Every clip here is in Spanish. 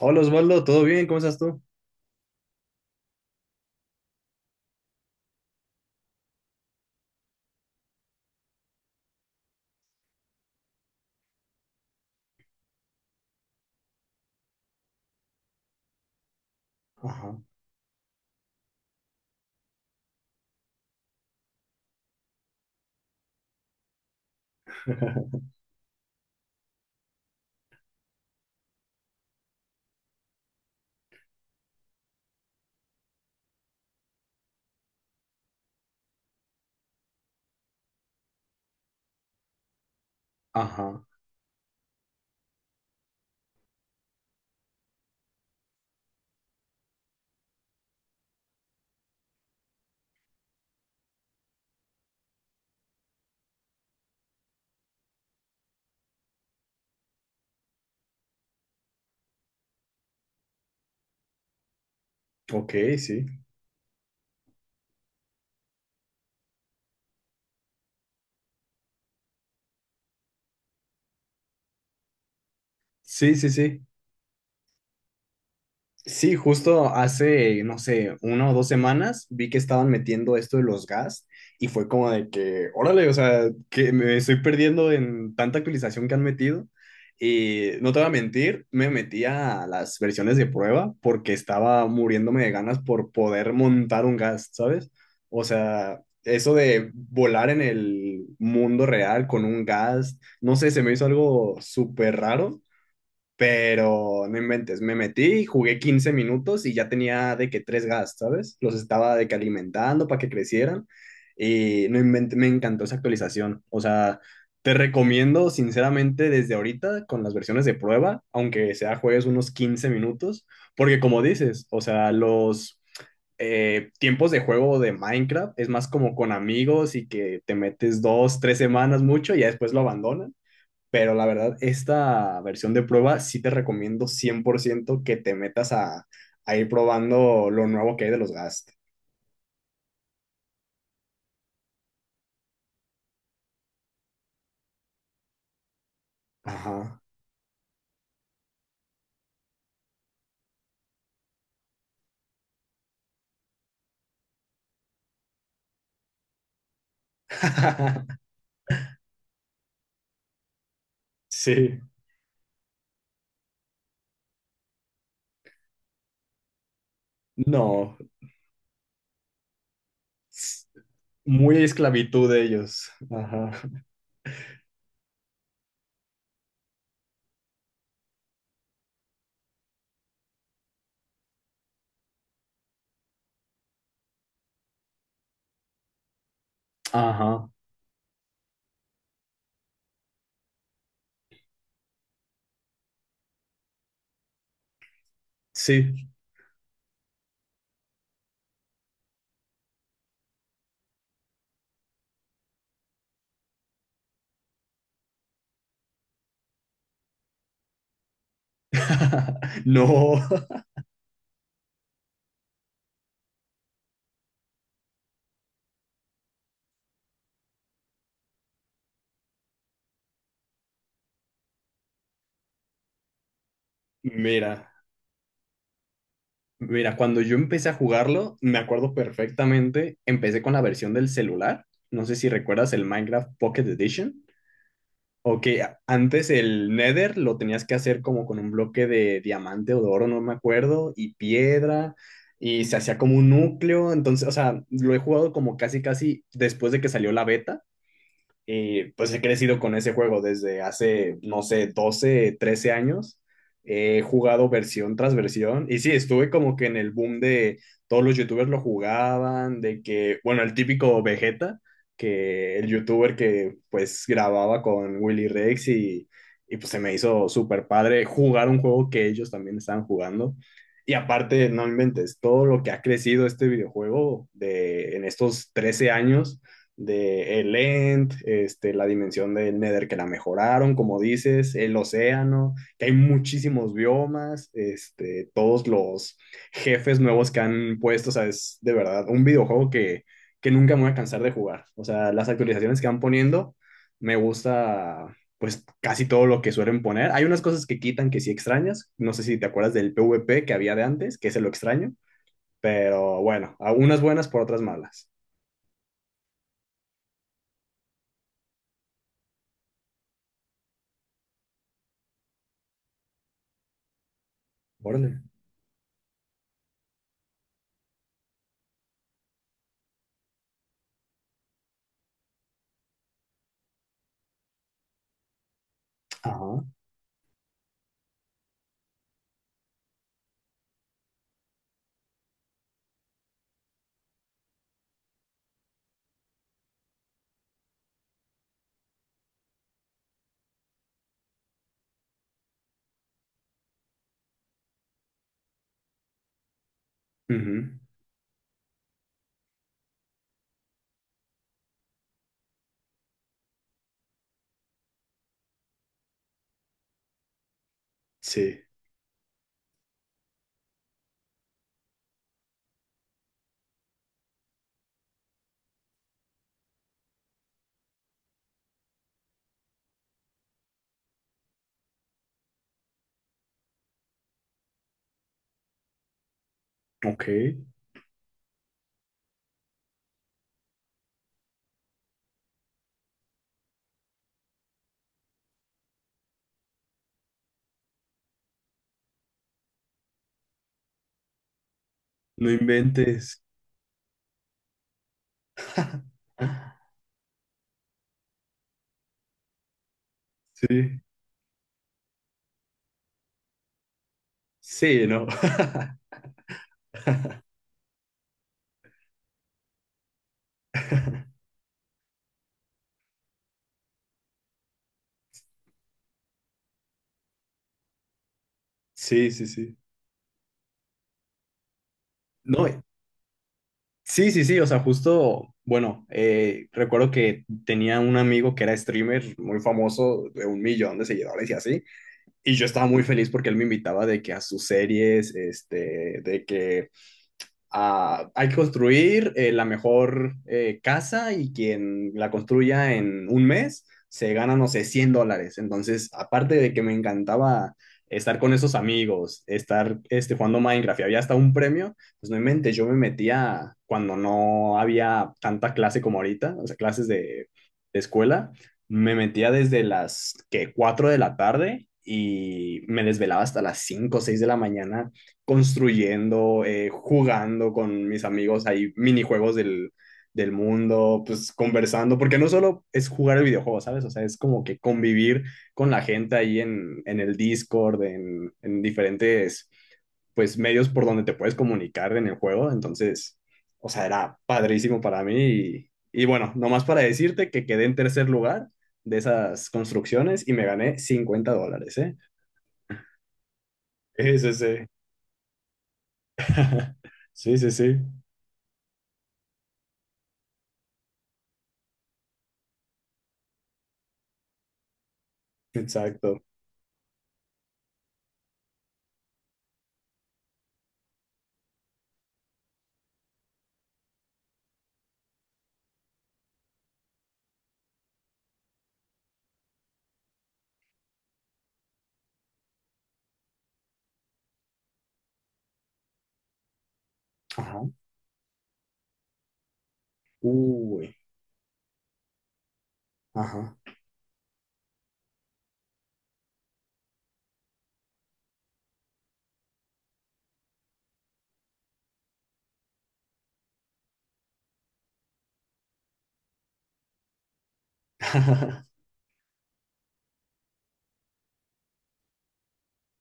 Hola Osvaldo, ¿todo bien? ¿Cómo estás tú? Ajá, ajá, ok, sí. Sí, sí, sí. Sí, justo hace, no sé, una o dos semanas vi que estaban metiendo esto de los gas y fue como de que, órale, o sea, que me estoy perdiendo en tanta actualización que han metido. Y no te voy a mentir, me metí a las versiones de prueba porque estaba muriéndome de ganas por poder montar un gas, ¿sabes? O sea, eso de volar en el mundo real con un gas, no sé, se me hizo algo súper raro, pero no inventes, me metí, jugué 15 minutos y ya tenía de que tres gas, ¿sabes? Los estaba de que alimentando para que crecieran y no inventé, me encantó esa actualización. O sea, te recomiendo sinceramente desde ahorita con las versiones de prueba, aunque sea juegues unos 15 minutos, porque como dices, o sea, los tiempos de juego de Minecraft es más como con amigos y que te metes dos, tres semanas mucho y ya después lo abandonan. Pero la verdad, esta versión de prueba sí te recomiendo 100% que te metas a ir probando lo nuevo que hay de los Gast. Ajá. Sí. No. s- Muy esclavitud de ellos. Ajá. Ajá. Sí. No. Mira. Mira, cuando yo empecé a jugarlo, me acuerdo perfectamente, empecé con la versión del celular. No sé si recuerdas el Minecraft Pocket Edition. Ok, antes el Nether lo tenías que hacer como con un bloque de diamante o de oro, no me acuerdo, y piedra, y se hacía como un núcleo, entonces, o sea, lo he jugado como casi, casi después de que salió la beta, y pues he crecido con ese juego desde hace, no sé, 12 13 años. He jugado versión tras versión. Y sí, estuve como que en el boom de todos los youtubers lo jugaban, de que, bueno, el típico Vegeta, que el youtuber que pues grababa con Willy Rex y pues se me hizo súper padre jugar un juego que ellos también estaban jugando. Y aparte, no inventes, todo lo que ha crecido este videojuego de, en estos 13 años de el End, este, la dimensión del Nether que la mejoraron, como dices, el océano, que hay muchísimos biomas, este, todos los jefes nuevos que han puesto, o sea, es de verdad un videojuego que nunca me voy a cansar de jugar. O sea, las actualizaciones que van poniendo, me gusta pues casi todo lo que suelen poner. Hay unas cosas que quitan que sí extrañas, no sé si te acuerdas del PvP que había de antes, que ese lo extraño, pero bueno, a unas buenas por otras malas. Órale. Ajá. Ujú. Sí, ok. No inventes. Sí, sí, no. Sí, sí, sí. No, sí, sí, sí, o sea, justo, bueno, recuerdo que tenía un amigo que era streamer muy famoso, de un millón de seguidores y así, y yo estaba muy feliz porque él me invitaba de que a sus series, este, de que ah, hay que construir la mejor casa y quien la construya en un mes se gana, no sé, $100. Entonces, aparte de que me encantaba estar con esos amigos, estar este, jugando Minecraft y había hasta un premio, pues no mente, yo me metía cuando no había tanta clase como ahorita, o sea, clases de escuela, me metía desde las que 4 de la tarde. Y me desvelaba hasta las 5 o 6 de la mañana construyendo, jugando con mis amigos, hay minijuegos del, del mundo, pues conversando, porque no solo es jugar el videojuego, ¿sabes? O sea, es como que convivir con la gente ahí en el Discord, en diferentes, pues, medios por donde te puedes comunicar en el juego. Entonces, o sea, era padrísimo para mí. Y bueno, nomás para decirte que quedé en tercer lugar de esas construcciones y me gané $50, ¿eh? Sí, sí, sí. Sí, sí, sí. Exacto. Ajá. Uy. Ajá.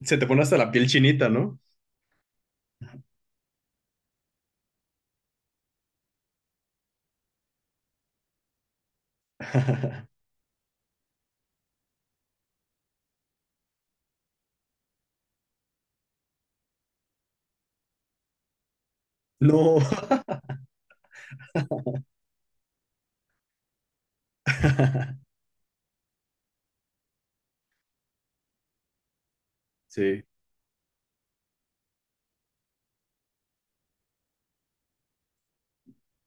Se te pone hasta la piel chinita, ¿no? No. Sí.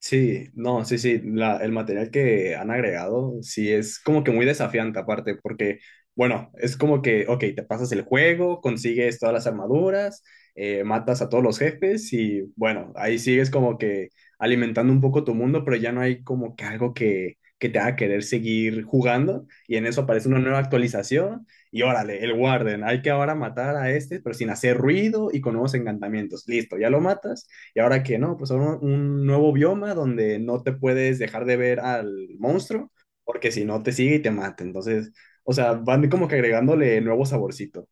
Sí, no, sí, sí, el material que han agregado, sí, es como que muy desafiante aparte, porque, bueno, es como que, ok, te pasas el juego, consigues todas las armaduras, matas a todos los jefes y, bueno, ahí sigues como que alimentando un poco tu mundo, pero ya no hay como que algo que te haga querer seguir jugando y en eso aparece una nueva actualización y órale, el Warden, hay que ahora matar a este, pero sin hacer ruido y con nuevos encantamientos, listo, ya lo matas y ahora que no, pues ahora un nuevo bioma donde no te puedes dejar de ver al monstruo, porque si no te sigue y te mata. Entonces, o sea, van como que agregándole nuevo saborcito.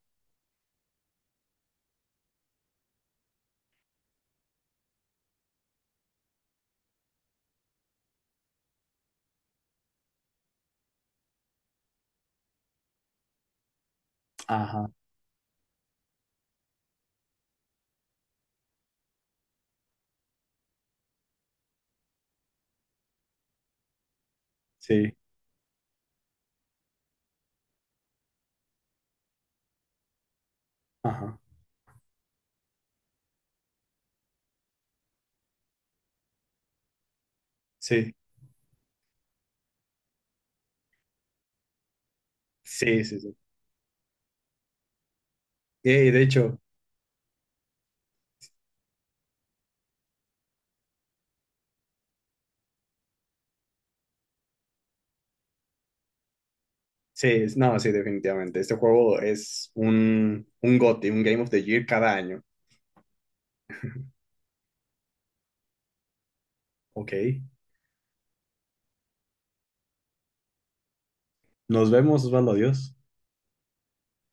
Ajá, sí, ajá, sí, sí, sí, sí. Y de hecho, sí, no, sí, definitivamente. Este juego es un GOTY, un Game of the Year cada año. Ok. Nos vemos, Osvaldo, adiós.